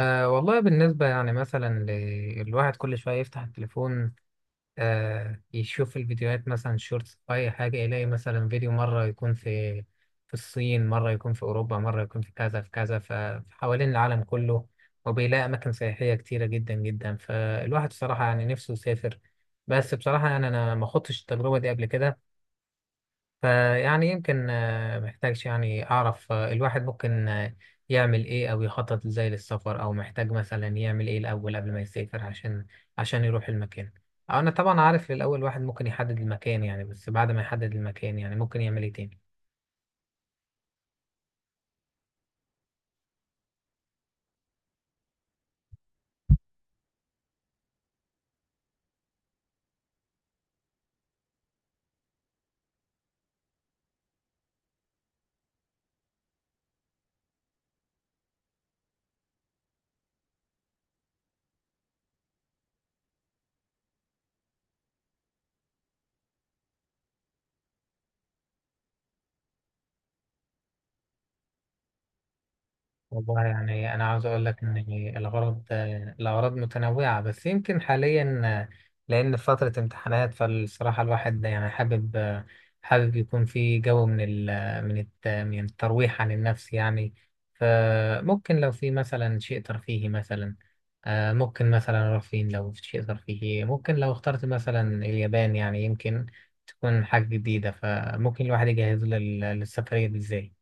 أه والله بالنسبة يعني مثلا الواحد كل شوية يفتح التليفون، أه يشوف الفيديوهات مثلا شورتس أو أي حاجة، يلاقي مثلا فيديو مرة يكون في الصين، مرة يكون في أوروبا، مرة يكون في كذا في كذا، فحوالين العالم كله وبيلاقي أماكن سياحية كتيرة جدا جدا. فالواحد بصراحة يعني نفسه يسافر، بس بصراحة يعني أنا ما خضتش التجربة دي قبل كده. فيعني يمكن محتاجش يعني أعرف الواحد ممكن يعمل إيه أو يخطط إزاي للسفر، أو محتاج مثلا يعمل إيه الأول قبل ما يسافر عشان يروح المكان. أنا طبعا عارف الأول الواحد ممكن يحدد المكان يعني، بس بعد ما يحدد المكان يعني ممكن يعمل إيه تاني؟ والله يعني أنا عاوز أقول لك إن الغرض، الأغراض متنوعة، بس يمكن حاليا لأن فترة امتحانات، فالصراحة الواحد يعني حابب حابب يكون في جو من ال من الت من الترويح عن النفس يعني. فممكن لو في مثلا شيء ترفيهي مثلا، آه، ممكن مثلا رفين، لو في شيء ترفيهي ممكن لو اخترت مثلا اليابان يعني يمكن تكون حاجة جديدة. فممكن الواحد يجهز للسفرية دي إزاي؟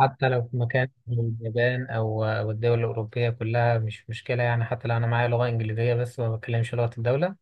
حتى لو في مكان من اليابان أو الدول الأوروبية كلها مش مشكلة يعني، حتى لو أنا معايا لغة إنجليزية بس ما بتكلمش لغة الدولة.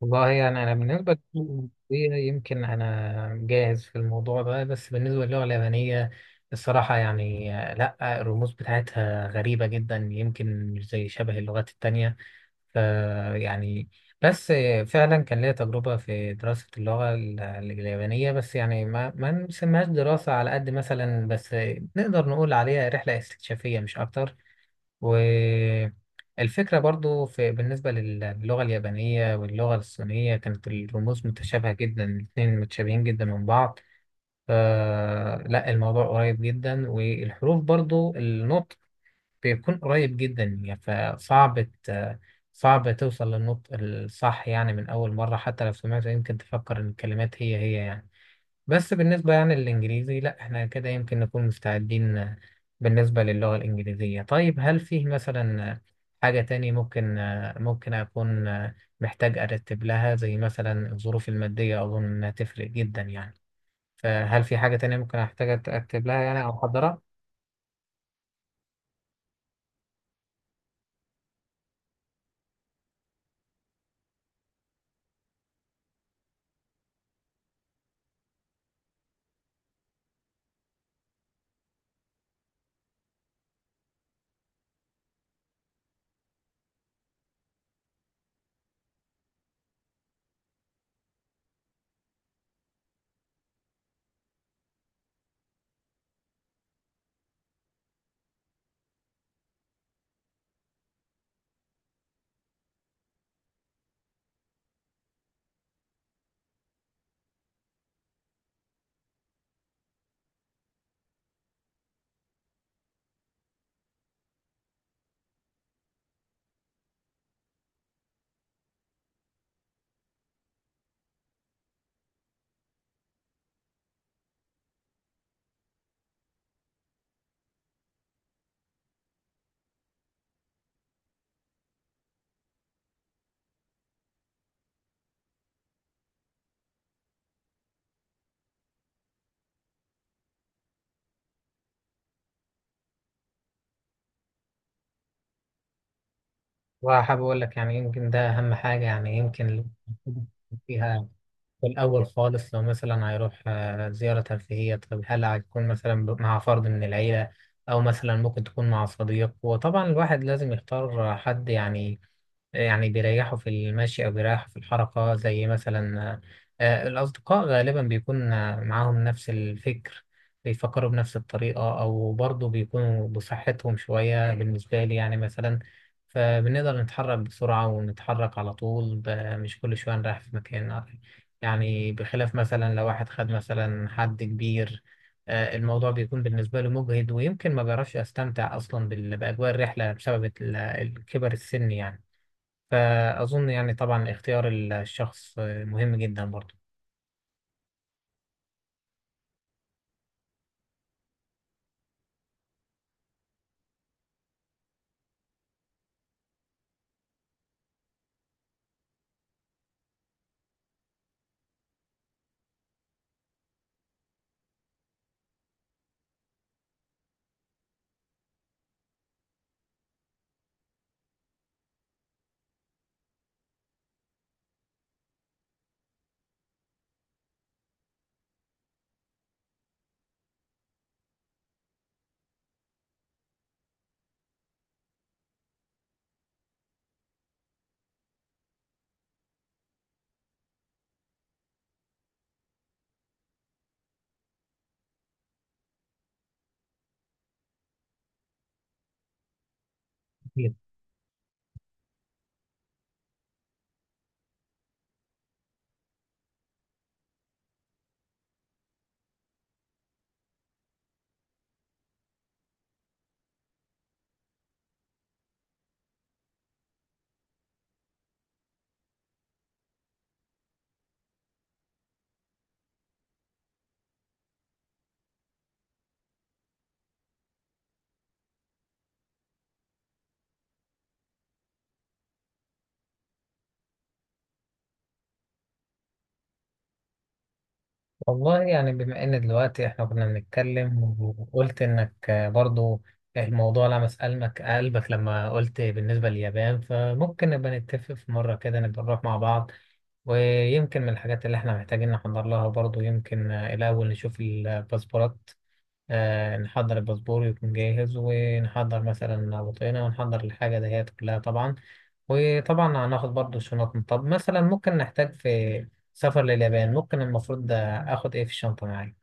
والله يعني أنا بالنسبة للغة الإنجليزية يمكن أنا جاهز في الموضوع ده، بس بالنسبة للغة اليابانية الصراحة يعني آه، لأ، الرموز بتاعتها غريبة جدا، يمكن مش زي شبه اللغات التانية. ف- يعني، بس فعلا كان ليا تجربة في دراسة اللغة اليابانية، بس يعني ما نسميهاش دراسة على قد مثلا، بس نقدر نقول عليها رحلة استكشافية مش أكتر. والفكرة برضو في بالنسبة للغة اليابانية واللغة الصينية، كانت الرموز متشابهة جدا، الاتنين متشابهين جدا من بعض. فلا الموضوع قريب جدا، والحروف برضو النطق بيكون قريب جدا يعني. فصعب صعب توصل للنطق الصح يعني من أول مرة، حتى لو سمعته يمكن تفكر إن الكلمات هي هي يعني. بس بالنسبة يعني للإنجليزي لأ، إحنا كده يمكن نكون مستعدين بالنسبة للغة الإنجليزية. طيب هل فيه مثلا حاجة تاني ممكن، ممكن أكون محتاج أرتب لها، زي مثلا الظروف المادية أظن إنها تفرق جدا يعني؟ فهل في حاجة تانية ممكن أحتاج أرتب لها يعني أو أحضرها؟ وحابب أقول لك يعني، يمكن ده أهم حاجة يعني، يمكن اللي فيها في الأول خالص، لو مثلا هيروح آه، زيارة ترفيهية، طب هل هيكون مثلا مع فرد من العيلة، أو مثلا ممكن تكون مع صديق؟ وطبعا الواحد لازم يختار حد يعني، يعني بيريحوا في المشي أو بيريحوا في الحركة، زي مثلا آه، الأصدقاء غالبا بيكون آه، معاهم نفس الفكر، بيفكروا بنفس الطريقة، أو برضه بيكونوا بصحتهم شوية بالنسبة لي يعني مثلا. فبنقدر نتحرك بسرعة ونتحرك على طول مش كل شوية نريح في مكان يعني. بخلاف مثلا لو واحد خد مثلا حد كبير، آه، الموضوع بيكون بالنسبة له مجهد، ويمكن ما بيعرفش أستمتع أصلا بأجواء الرحلة بسبب الكبر السن يعني. فأظن يعني طبعا اختيار الشخص مهم جدا برضو. أكيد. والله يعني بما إن دلوقتي إحنا كنا بنتكلم وقلت إنك برضو الموضوع لمس قلبك، لما قلت بالنسبة لليابان، فممكن نبقى نتفق في مرة كده نبقى نروح مع بعض. ويمكن من الحاجات اللي إحنا محتاجين نحضر لها برضو، يمكن الأول نشوف الباسبورات، آه، نحضر الباسبور يكون جاهز، ونحضر مثلا بطاقنا، ونحضر الحاجة دهيت كلها طبعا. وطبعا هناخد برضو شنطنا. طب مثلا ممكن نحتاج في سفر لليابان، ممكن المفروض ده اخد ايه في الشنطة معايا؟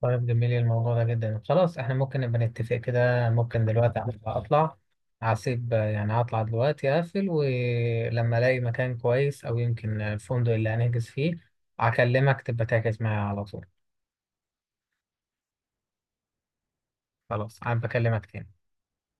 طيب جميل الموضوع ده جدا. خلاص احنا ممكن نبقى نتفق كده، ممكن دلوقتي اطلع، هسيب يعني هطلع دلوقتي اقفل، ولما الاقي مكان كويس او يمكن الفندق اللي هنحجز فيه هكلمك تبقى تحجز معايا على طول. خلاص انا بكلمك تاني.